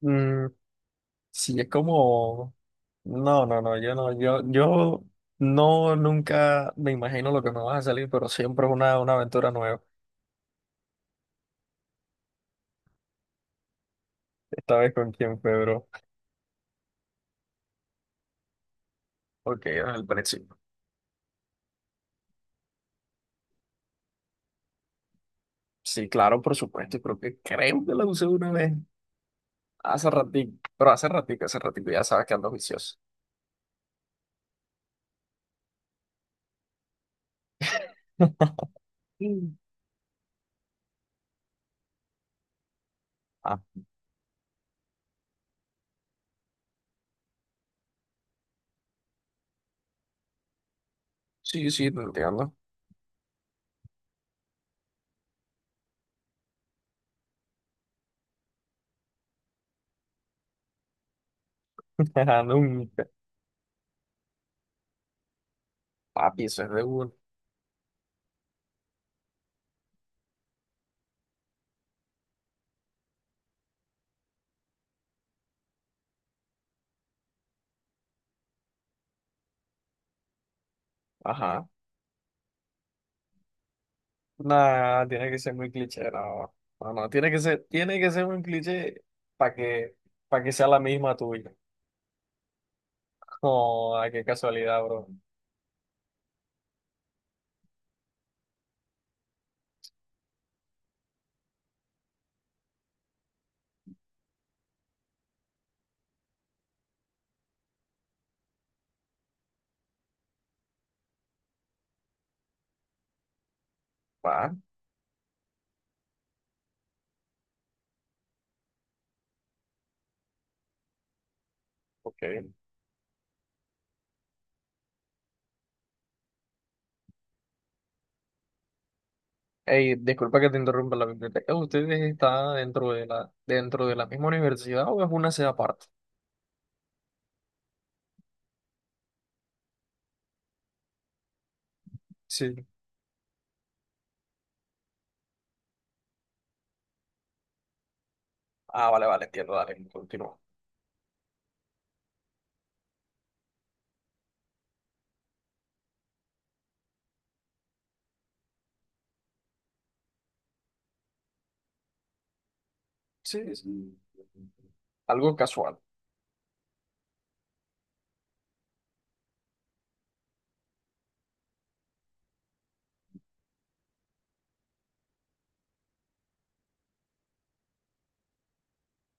Mm, sí, es como, no, no, no, yo no, yo no, nunca me imagino lo que me va a salir, pero siempre es una aventura nueva. Esta vez con quién, Pedro. Ok, al principio. Sí, claro, por supuesto, y creo que la usé una vez, hace ratito, pero hace ratito, ya sabes que ando vicioso. Mm. Ah, sí, sí, te entiendo. Ajá, nunca. Papi, eso es de uno. Ajá. Nah, tiene que ser muy cliché, no. No, no, tiene que ser un cliché para que, para que sea la misma tuya. Oh, ay, qué casualidad, bro. Va, ok. Ey, disculpa que te interrumpa la biblioteca. ¿Ustedes están dentro de la misma universidad o es una sede aparte? Sí. Ah, vale, vale, entiendo, dale, continúa. Sí, sí. Algo casual.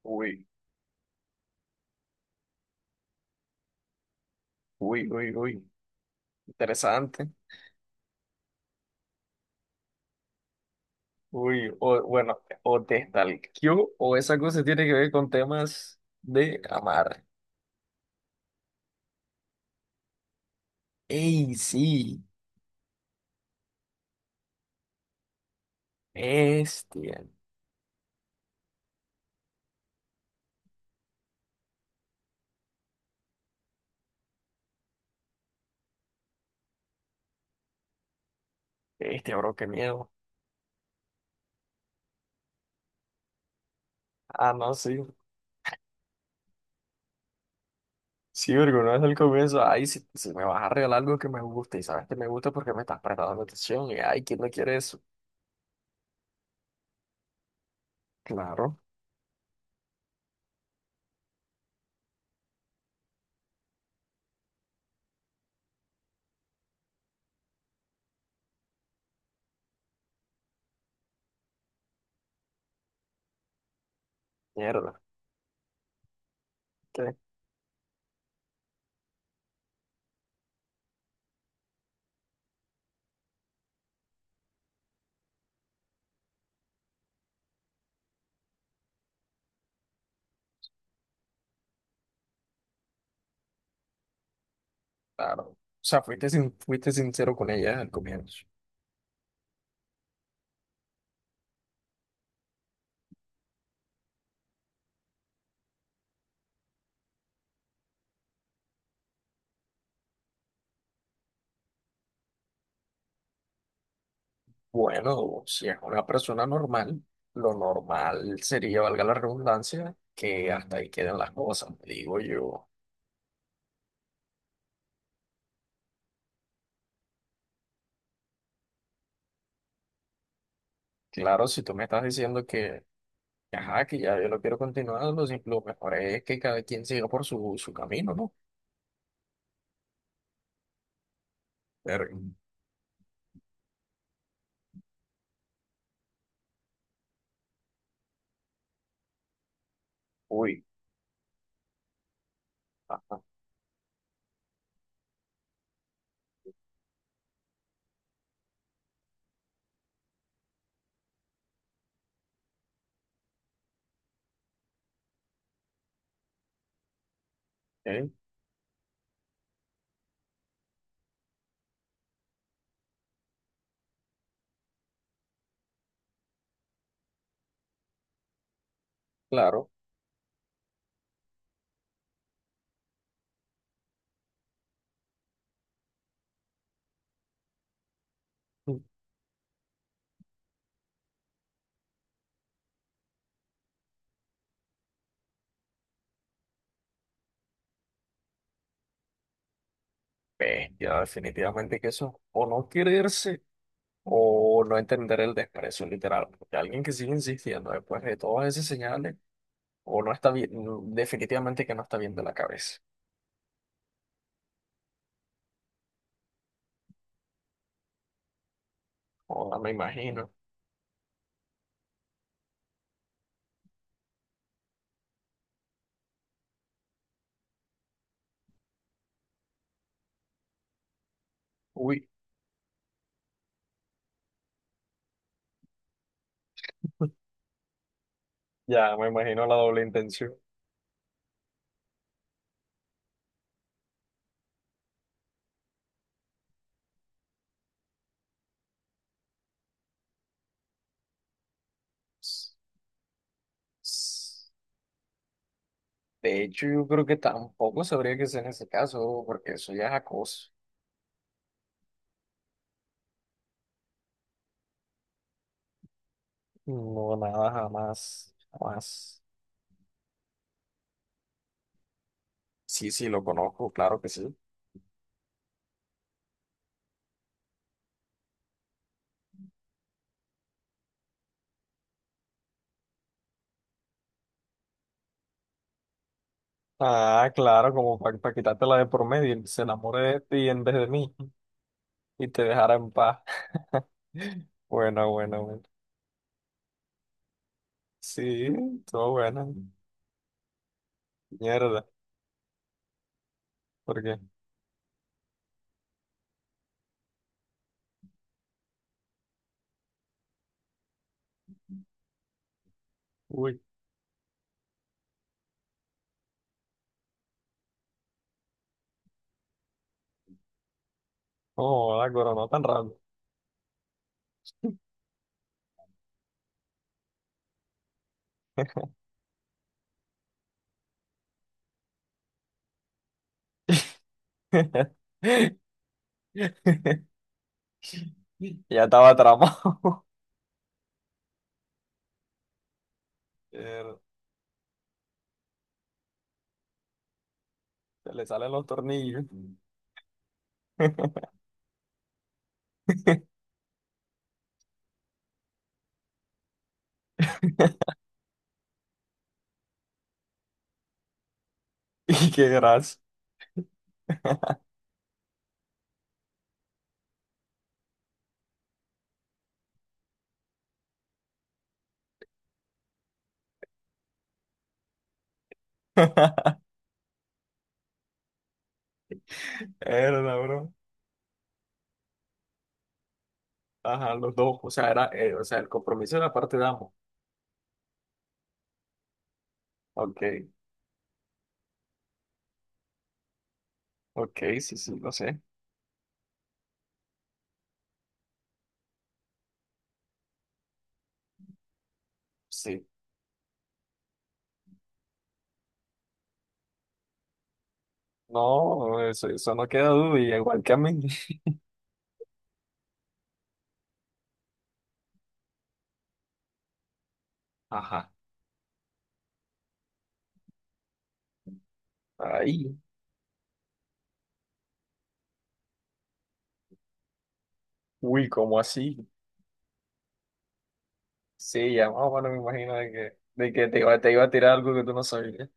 Uy, uy, uy, uy. Interesante. Uy, o, bueno, o te stalkeó o esa cosa tiene que ver con temas de amar. ¡Ey, sí! Este, este, bro, qué miedo. Ah, no, sí. Sí, porque no es el comienzo. Ay, si, si me vas a regalar algo que me gusta y sabes que me gusta porque me estás prestando atención y ay, ¿quién no quiere eso? Claro, mierda. Claro. O sea, fuiste, sin- fuiste sincero con ella al comienzo. Bueno, si es una persona normal, lo normal sería, valga la redundancia, que hasta ahí queden las cosas, digo yo. Claro, si tú me estás diciendo que ajá, que ya yo lo quiero continuar, lo mejor es que cada quien siga por su, su camino, ¿no? Ver, uy, ajá, eh, claro. Ve, ya definitivamente que eso, o no quererse, o no entender el desprecio literal, porque alguien que sigue insistiendo después de todas esas señales, o no está bien, definitivamente que no está bien de la cabeza, o ah, me imagino, uy, ya me imagino la doble intención. S- s- De hecho, yo creo que tampoco sabría que sea en ese caso, porque eso ya es acoso. No, nada, jamás, jamás. Sí, sí, lo conozco, claro que sí. Ah, claro, como para quitarte la de por medio, y se enamore de ti en vez de mí y te dejara en paz. Bueno, bueno, bueno. Sí, todo bueno. Mierda, porque, uy, oh, la coronó no tan rápido. Ya estaba tramado. Mierda, se le salen los tornillos. Y qué gracia. Era, bro. Ajá, los dos. O sea, era, o sea, el compromiso de la parte de ambos. Ok, ok, sí, sí, no sé. Sí. No, eso no queda duda, y igual que a mí. Ajá. Ahí. Uy, ¿cómo así? Sí, ya más o menos me imagino de que te iba a tirar algo que tú no sabías.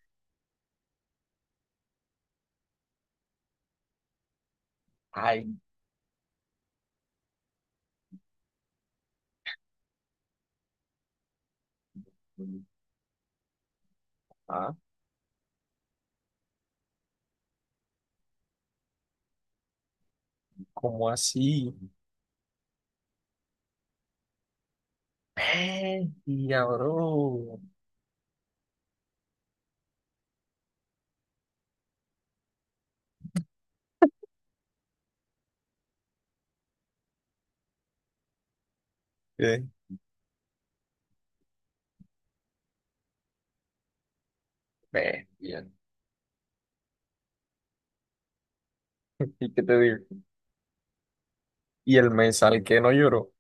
Ay, ah, ¿cómo así? Bestia, bro. ¿Qué? Bestia. ¿Y qué te digo? Y el mensal que no lloró.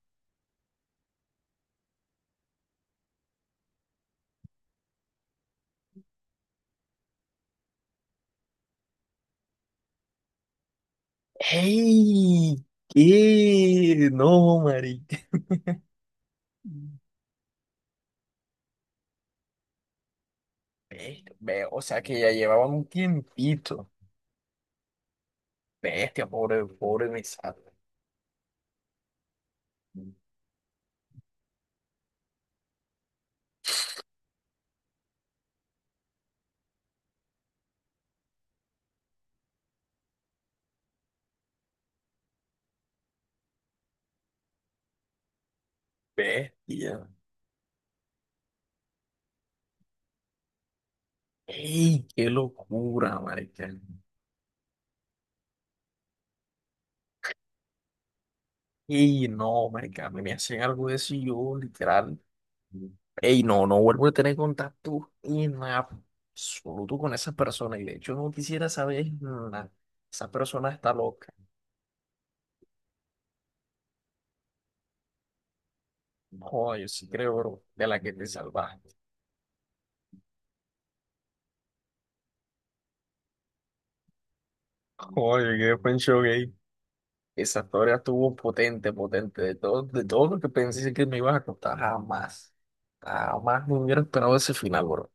¡Ey! ¿Qué? No, marica. Bestia, ve, o sea que ya llevaba un tiempito. Bestia, pobre, pobre Misato. Bestia. ¡Ey! ¡Qué locura, marica! ¡Ey! No, marica, me hacen algo de eso y yo, literal. ¡Ey! No, no vuelvo a tener contacto en absoluto con esa persona. Y de hecho no quisiera saber nada. Esa persona está loca. No, yo sí creo, bro, de la que te salvaste. Joder, qué pencho gay. Esa historia estuvo potente, potente. De todo lo que pensé que me ibas a contar, jamás. Jamás me hubiera esperado ese final, bro.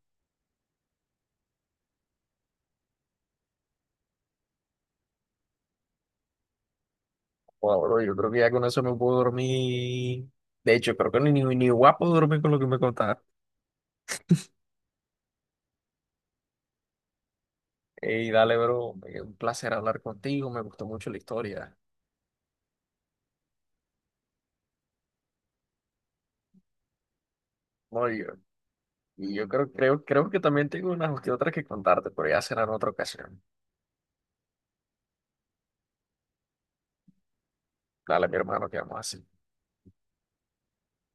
Joder, bro, yo creo que ya con eso me puedo dormir. De hecho, creo que ni, ni, ni guapo dormir con lo que me contaste. Ey, dale, bro. Un placer hablar contigo. Me gustó mucho la historia. No, yo, y yo creo que también tengo unas que otras que contarte, pero ya será en otra ocasión. Dale, mi hermano, que vamos así.